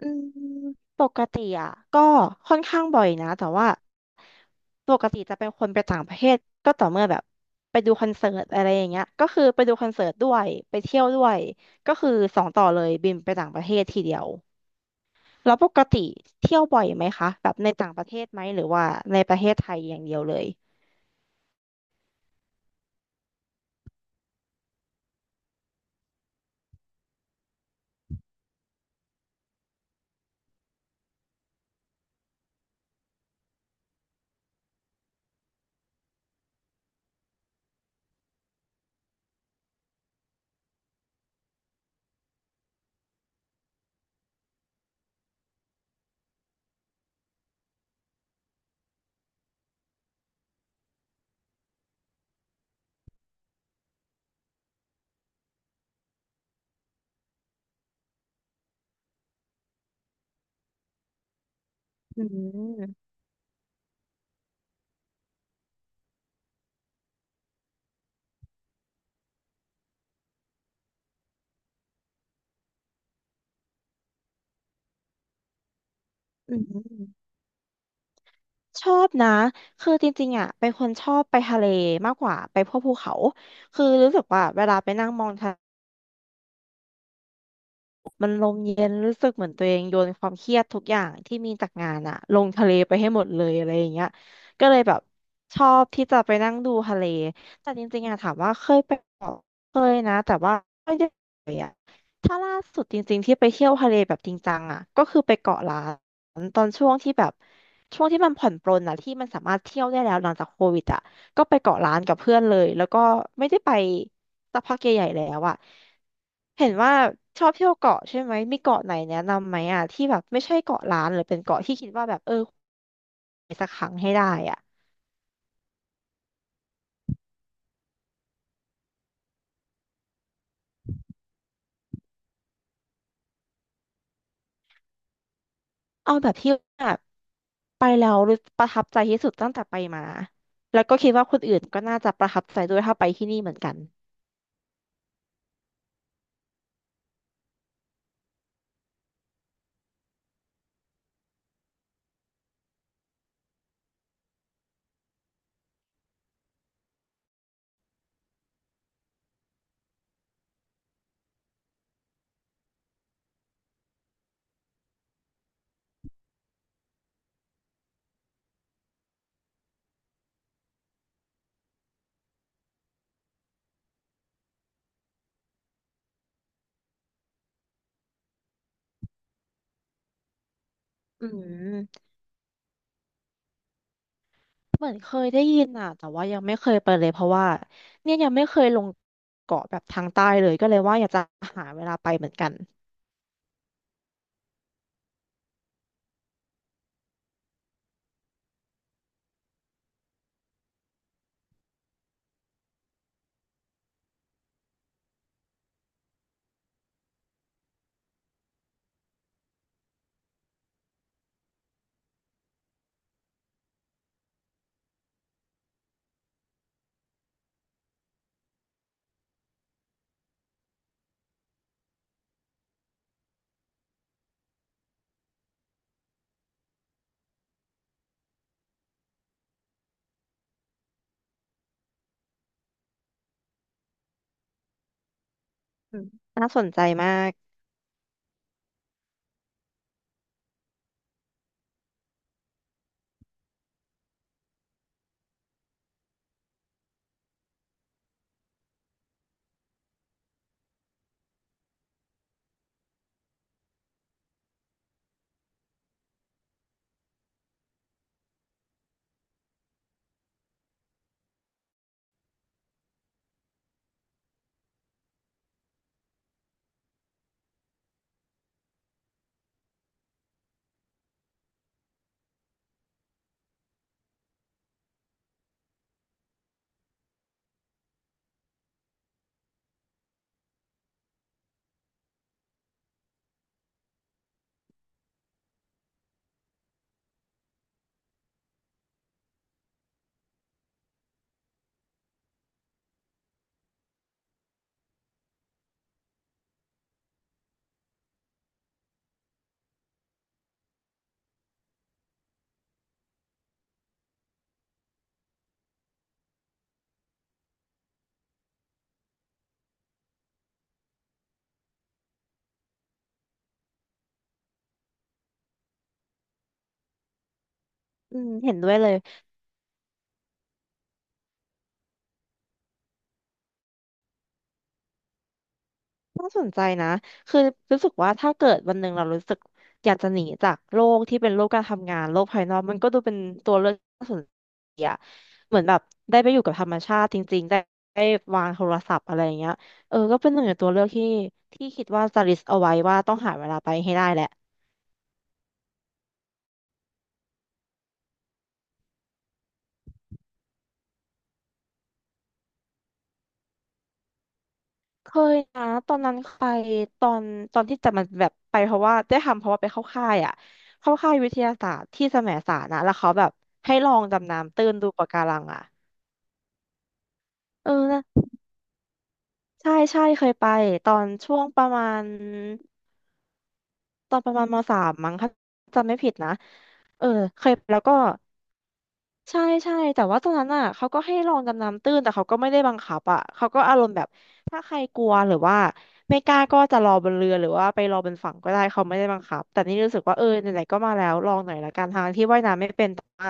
อืมปกติอ่ะก็ค่อนข้างบ่อยนะแต่ว่าปกติจะเป็นคนไปต่างประเทศก็ต่อเมื่อแบบไปดูคอนเสิร์ตอะไรอย่างเงี้ยก็คือไปดูคอนเสิร์ตด้วยไปเที่ยวด้วยก็คือสองต่อเลยบินไปต่างประเทศทีเดียวแล้วปกติเที่ยวบ่อยไหมคะแบบในต่างประเทศไหมหรือว่าในประเทศไทยอย่างเดียวเลยอืมอืมชอบนะคือจริงๆอ่ะเป็นคนชอบไปทะเลมากกว่าไปพวกภูเขาคือรู้สึกว่าเวลาไปนั่งมองทะ มันลมเย็นรู้สึกเหมือนตัวเองโยนความเครียดทุกอย่างที่มีจากงานอะลงทะเลไปให้หมดเลยอะไรอย่างเงี้ยก็เลยแบบชอบที่จะไปนั่งดูทะเลแต่จริงๆอะถามว่าเคยไปเกาะเคยนะแต่ว่าไม่ได้ไปอะถ้าล่าสุดจริงๆที่ไปเที่ยวทะเลแบบจริงจังอะก็คือไปเกาะล้านตอนช่วงที่แบบช่วงที่มันผ่อนปรนอะที่มันสามารถเที่ยวได้แล้วหลังจากโควิดอะ ก็ไปเกาะร้านกับเพื่อนเลยแล้วก็ไม่ได้ไปสักพักใหญ่ๆแล้วอะเห็นว่าชอบเที่ยวเกาะใช่ไหมมีเกาะไหนแนะนำไหมอะที่แบบไม่ใช่เกาะร้านหรือเป็นเกาะที่คิดว่าแบบเออเอาแบบที่แบบไปแล้วรู้ประทับใจที่สุดตั้งแต่ไปมาแล้วก็คิดว่าคนอื่นก็น่าจะประทับใจด้วยถ้าไปที่นี่เหมือนกันอืมเหมือนเคยได้ยินอ่ะแต่ว่ายังไม่เคยไปเลยเพราะว่าเนี่ยยังไม่เคยลงเกาะแบบทางใต้เลยก็เลยว่าอยากจะหาเวลาไปเหมือนกัน อืมน่าสนใจมากอืมเห็นด้วยเลยน่าสนใจนะคือรู้สึกว่าถ้าเกิดวันหนึ่งเรารู้สึกอยากจะหนีจากโลกที่เป็นโลกการทำงานโลกภายนอกมันก็ดูเป็นตัวเลือกที่น่าสนใจอะเหมือนแบบได้ไปอยู่กับธรรมชาติจริงๆได้วางโทรศัพท์อะไรอย่างเงี้ยเออก็เป็นหนึ่งในตัวเลือกที่ที่คิดว่าจะ list เอาไว้ว่าต้องหาเวลาไปให้ได้แหละ เคยนะตอนนั้นไปตอนตอนที่แต่มันแบบไปเพราะว่าได้ทำเพราะว่าไปเข้าค่ายอ่ะเข้าค่ายวิทยาศาสตร์ที่แสมสารนะแล้วเขาแบบให้ลองดำน้ำตื้นดูปะการังอ่ะเออนะใช่ใช่เคยไปตอนช่วงประมาณตอนประมาณมสามมั้งถ้าจำไม่ผิดนะเออเคยไปแล้วก็ ใช่ใช่แต่ว่าตอนนั้นอ่ะเขาก็ให้ลองดำน้ำตื้นแต่เขาก็ไม่ได้บังคับอ่ะเขาก็อารมณ์แบบถ้าใครกลัวหรือว่าไม่กล้าก็จะรอบนเรือหรือว่าไปรอบนฝั่งก็ได้เขาไม่ได้บังคับแต่นี่รู้สึกว่าเออไหนๆก็มาแล้วลองหน่อยละกันทางที่ว่ายน้ำไม่เป็นแต่ว่า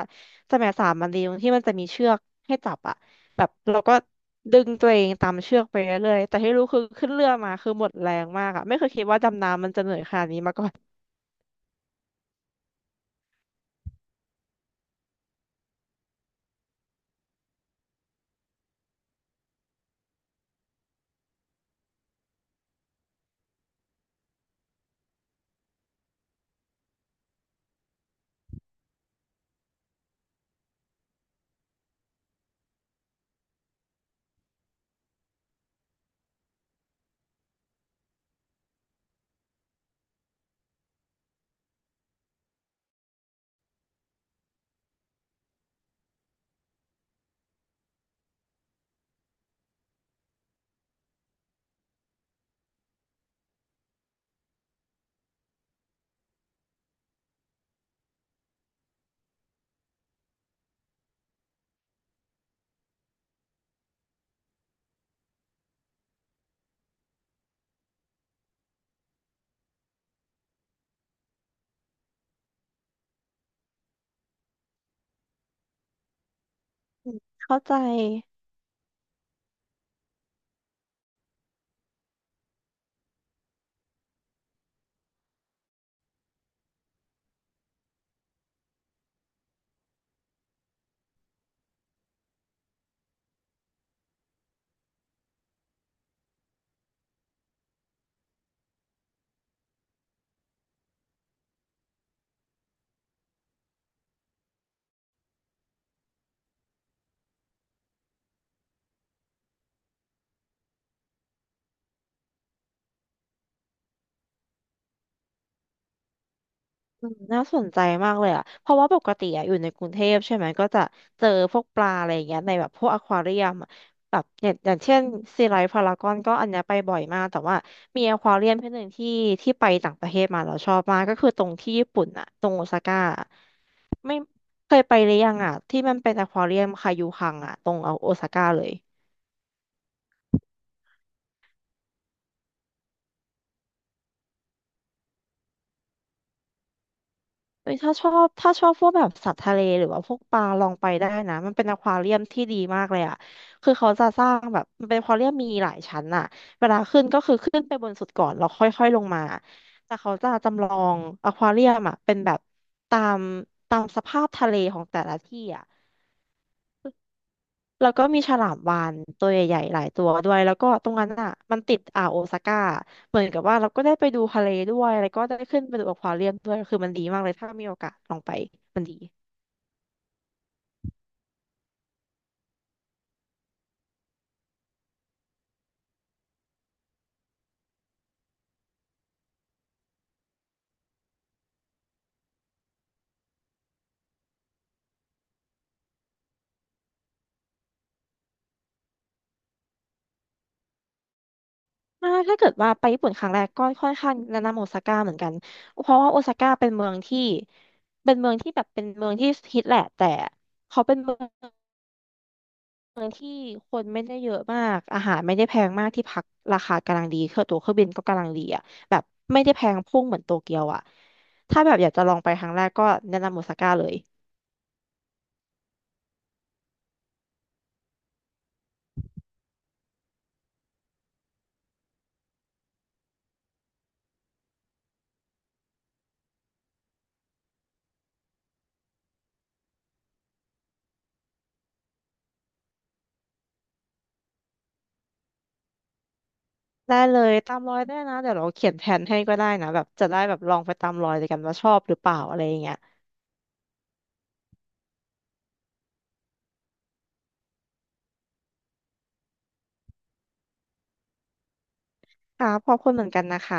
สมัยสามมันดีตรงที่มันจะมีเชือกให้จับอ่ะแบบเราก็ดึงตัวเองตามเชือกไปเรื่อยๆแต่ที่รู้คือขึ้นเรือมาคือหมดแรงมากอ่ะไม่เคยคิดว่าดำน้ำมันจะเหนื่อยขนาดนี้มาก่อน เข้าใจ อืมน่าสนใจมากเลยอ่ะ เพราะว่าปกติอ่ะอยู่ในกรุงเทพใช่ไหมก็จะเจอพวกปลาอะไรอย่างเงี้ยในแบบพวกอควาเรียมอะแบบอย่างเช่นซีไลท์พารากอนก็อันเนี้ยไปบ่อยมากแต่ว่ามีอควาเรียมที่หนึ่งที่ไปต่างประเทศมาเราชอบมากก็คือตรงที่ญี่ปุ่นอ่ะตรงโอซาก้าอะไม่เคยไปหรือยังอ่ะที่มันเป็นอควาเรียมคายูคังอ่ะตรงโอซาก้าเลย เอ้ยถ้าชอบถ้าชอบพวกแบบสัตว์ทะเลหรือว่าพวกปลาลองไปได้นะมันเป็นอควาเรียมที่ดีมากเลยอ่ะคือเขาจะสร้างแบบมันเป็นอควาเรียมมีหลายชั้นอ่ะเวลาขึ้นก็คือขึ้นไปบนสุดก่อนแล้วค่อยๆลงมาแต่เขาจะจำลองอควาเรียมอ่ะเป็นแบบตามตามสภาพทะเลของแต่ละที่อ่ะแล้วก็มีฉลามวาฬตัวใหญ่ๆหลายตัวด้วยแล้วก็ตรงนั้นอ่ะมันติดอ่าวโอซาก้าเหมือนกับว่าเราก็ได้ไปดูทะเลด้วยแล้วก็ได้ขึ้นไปดูอควาเรียมด้วยคือมันดีมากเลยถ้ามีโอกาสลองไปมันดี อ่าถ้าเกิดว่าไปญี่ปุ่นครั้งแรกก็ค่อนข้างแนะนำโอซาก้าเหมือนกันเพราะว่าโอซาก้าเป็นเมืองที่เป็นเมืองที่แบบเป็นเมืองที่ฮิตแหละแต่เขาเป็นเมืองที่คนไม่ได้เยอะมากอาหารไม่ได้แพงมากที่พักราคากำลังดีเครื่องตั๋วเครื่องบินก็กำลังดีอ่ะแบบไม่ได้แพงพุ่งเหมือนโตเกียวอ่ะถ้าแบบอยากจะลองไปครั้งแรกก็แนะนำโอซาก้าเลยได้เลยตามรอยได้นะเดี๋ยวเราเขียนแผนให้ก็ได้นะแบบจะได้แบบลองไปตามรอยด้วยกันว่าชอบหรือเปล่าอะไรอย่างเงี้ยค่ะขอบคุณเหมือนกันนะคะ